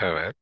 Evet.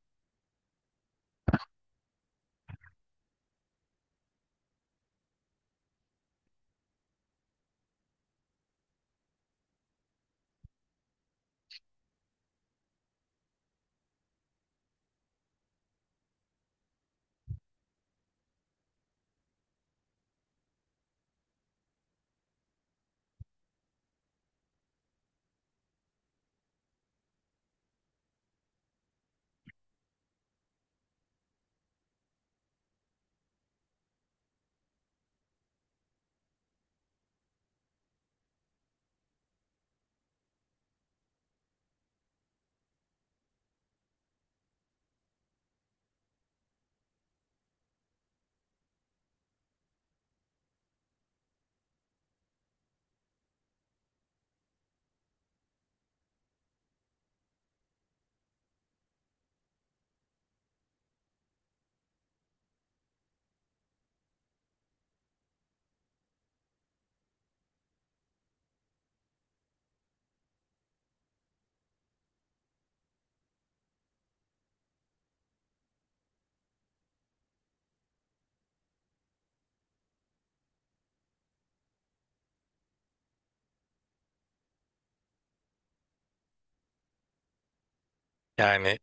Yani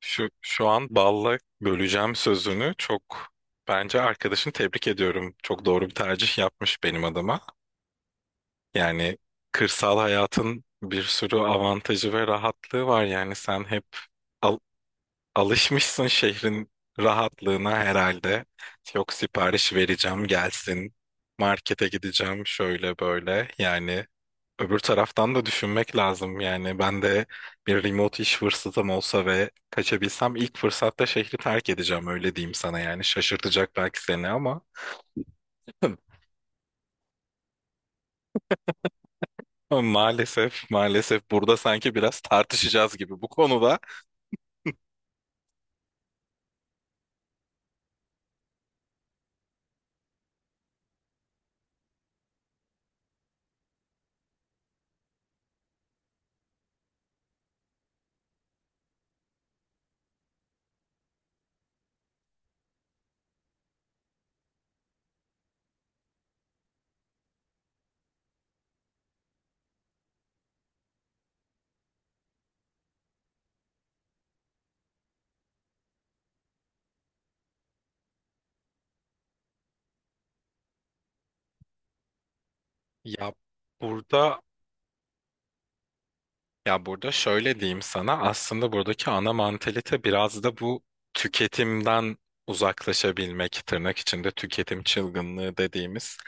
şu an balla böleceğim sözünü çok bence arkadaşını tebrik ediyorum. Çok doğru bir tercih yapmış benim adıma. Yani kırsal hayatın bir sürü avantajı ve rahatlığı var. Yani sen hep alışmışsın şehrin rahatlığına herhalde. Yok, sipariş vereceğim gelsin. Markete gideceğim şöyle böyle. Yani öbür taraftan da düşünmek lazım. Yani ben de bir remote iş fırsatım olsa ve kaçabilsem ilk fırsatta şehri terk edeceğim, öyle diyeyim sana yani. Şaşırtacak belki seni ama maalesef maalesef burada sanki biraz tartışacağız gibi bu konuda. Ya burada ya burada şöyle diyeyim sana, aslında buradaki ana mantalite biraz da bu tüketimden uzaklaşabilmek, tırnak içinde tüketim çılgınlığı dediğimiz.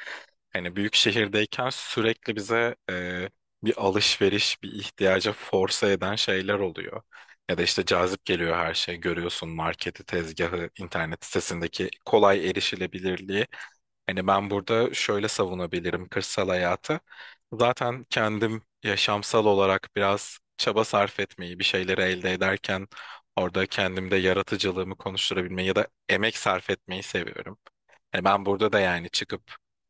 Hani büyük şehirdeyken sürekli bize bir alışveriş, bir ihtiyaca force eden şeyler oluyor. Ya da işte cazip geliyor her şey. Görüyorsun marketi, tezgahı, internet sitesindeki kolay erişilebilirliği. Hani ben burada şöyle savunabilirim kırsal hayatı. Zaten kendim yaşamsal olarak biraz çaba sarf etmeyi, bir şeyleri elde ederken orada kendimde yaratıcılığımı konuşturabilmeyi ya da emek sarf etmeyi seviyorum. Hani ben burada da yani çıkıp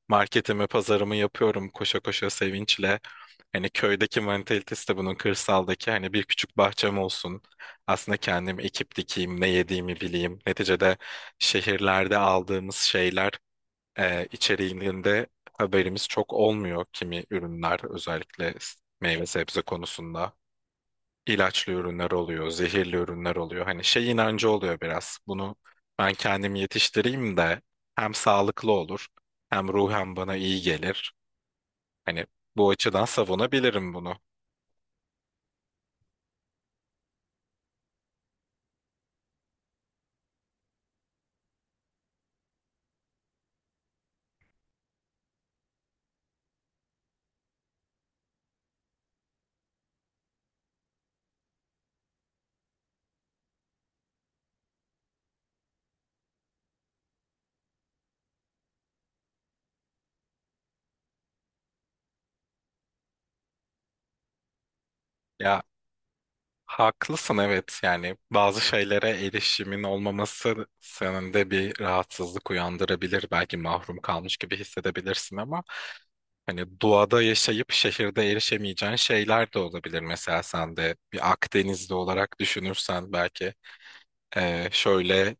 marketimi, pazarımı yapıyorum koşa koşa sevinçle. Hani köydeki mantalitesi de bunun, kırsaldaki hani bir küçük bahçem olsun. Aslında kendim ekip dikeyim, ne yediğimi bileyim. Neticede şehirlerde aldığımız şeyler içeriğinde haberimiz çok olmuyor, kimi ürünler özellikle meyve sebze konusunda ilaçlı ürünler oluyor, zehirli ürünler oluyor. Hani şey inancı oluyor biraz. Bunu ben kendim yetiştireyim de hem sağlıklı olur hem ruhen bana iyi gelir. Hani bu açıdan savunabilirim bunu. Ya haklısın, evet, yani bazı şeylere erişimin olmaması senin de bir rahatsızlık uyandırabilir. Belki mahrum kalmış gibi hissedebilirsin ama hani doğada yaşayıp şehirde erişemeyeceğin şeyler de olabilir. Mesela sen de bir Akdenizli olarak düşünürsen belki. Şöyle,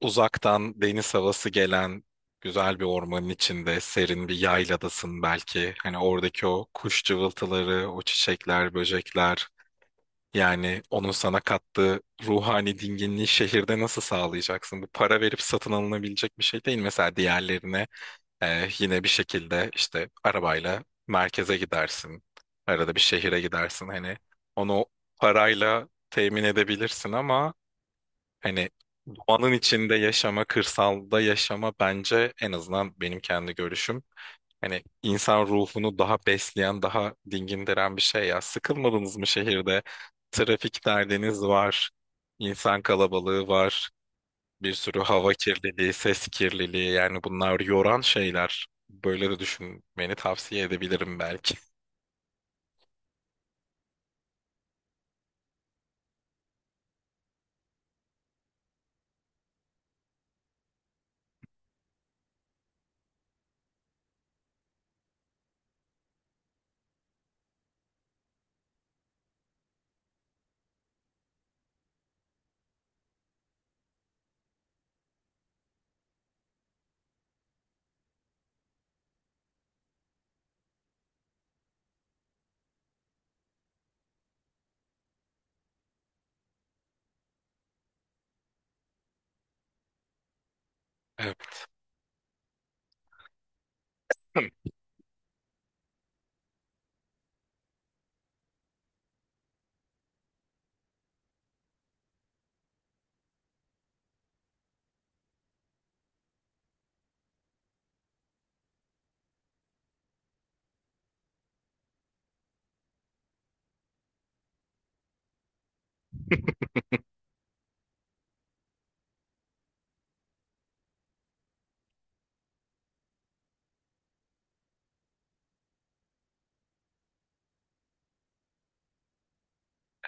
uzaktan deniz havası gelen güzel bir ormanın içinde serin bir yayladasın belki. Hani oradaki o kuş cıvıltıları, o çiçekler, böcekler. Yani onun sana kattığı ruhani dinginliği şehirde nasıl sağlayacaksın? Bu para verip satın alınabilecek bir şey değil. Mesela diğerlerine yine bir şekilde işte arabayla merkeze gidersin. Arada bir şehire gidersin. Hani onu parayla temin edebilirsin ama hani doğanın içinde yaşama, kırsalda yaşama, bence en azından benim kendi görüşüm, hani insan ruhunu daha besleyen, daha dingindiren bir şey ya. Sıkılmadınız mı şehirde? Trafik derdiniz var, insan kalabalığı var, bir sürü hava kirliliği, ses kirliliği, yani bunlar yoran şeyler. Böyle de düşünmeni tavsiye edebilirim belki. Evet.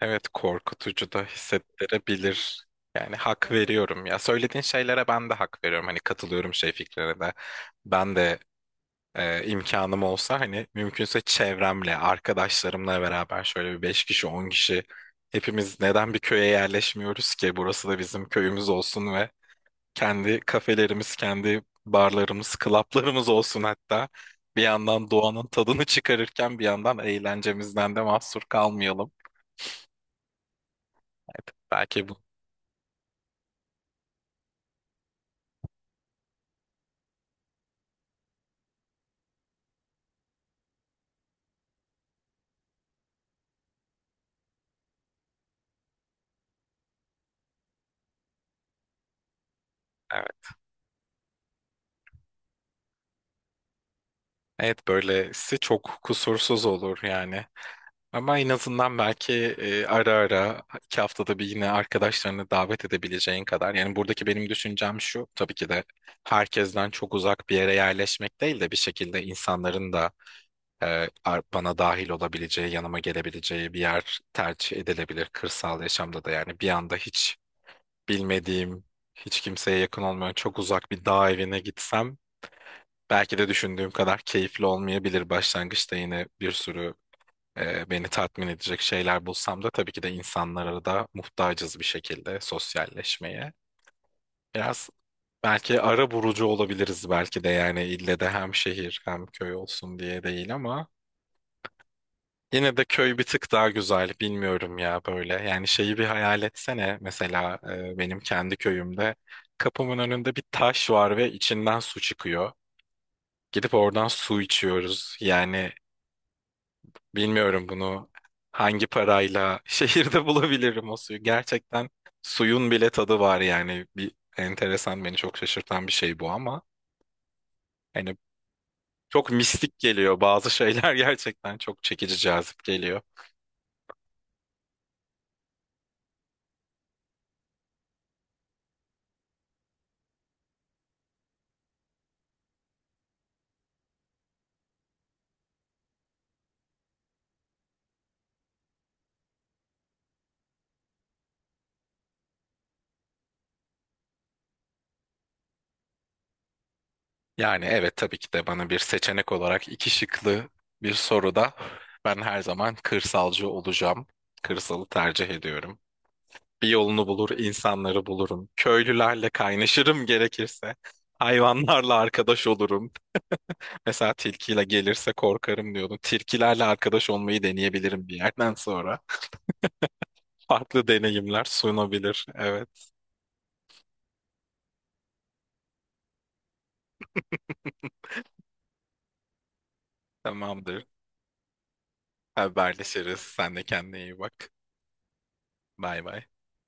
Evet, korkutucu da hissettirebilir. Yani hak veriyorum ya. Söylediğin şeylere ben de hak veriyorum. Hani katılıyorum şey fikrine de. Ben de imkanım olsa, hani mümkünse çevremle, arkadaşlarımla beraber şöyle bir 5 kişi, 10 kişi hepimiz neden bir köye yerleşmiyoruz ki? Burası da bizim köyümüz olsun ve kendi kafelerimiz, kendi barlarımız, klaplarımız olsun hatta. Bir yandan doğanın tadını çıkarırken bir yandan eğlencemizden de mahsur kalmayalım. Belki bu. Evet. Evet, böylesi çok kusursuz olur yani. Ama en azından belki ara ara 2 haftada bir yine arkadaşlarını davet edebileceğin kadar. Yani buradaki benim düşüncem şu: tabii ki de herkesten çok uzak bir yere yerleşmek değil de bir şekilde insanların da bana dahil olabileceği, yanıma gelebileceği bir yer tercih edilebilir kırsal yaşamda da. Yani bir anda hiç bilmediğim, hiç kimseye yakın olmayan çok uzak bir dağ evine gitsem belki de düşündüğüm kadar keyifli olmayabilir başlangıçta, yine bir sürü beni tatmin edecek şeyler bulsam da tabii ki de insanlara da muhtacız bir şekilde sosyalleşmeye. Biraz belki ara bulucu olabiliriz belki de, yani ille de hem şehir hem köy olsun diye değil ama yine de köy bir tık daha güzel, bilmiyorum ya böyle. Yani şeyi bir hayal etsene, mesela benim kendi köyümde kapımın önünde bir taş var ve içinden su çıkıyor. Gidip oradan su içiyoruz. Yani bilmiyorum bunu hangi parayla şehirde bulabilirim o suyu. Gerçekten suyun bile tadı var yani. Bir enteresan, beni çok şaşırtan bir şey bu ama hani çok mistik geliyor. Bazı şeyler gerçekten çok çekici, cazip geliyor. Yani evet, tabii ki de bana bir seçenek olarak iki şıklı bir soruda ben her zaman kırsalcı olacağım. Kırsalı tercih ediyorum. Bir yolunu bulur, insanları bulurum. Köylülerle kaynaşırım gerekirse. Hayvanlarla arkadaş olurum. Mesela tilkiyle gelirse korkarım diyordum. Tilkilerle arkadaş olmayı deneyebilirim bir yerden sonra. Farklı deneyimler sunabilir. Evet, tamamdır. Haberleşiriz. Sen de kendine iyi bak. Bay bay.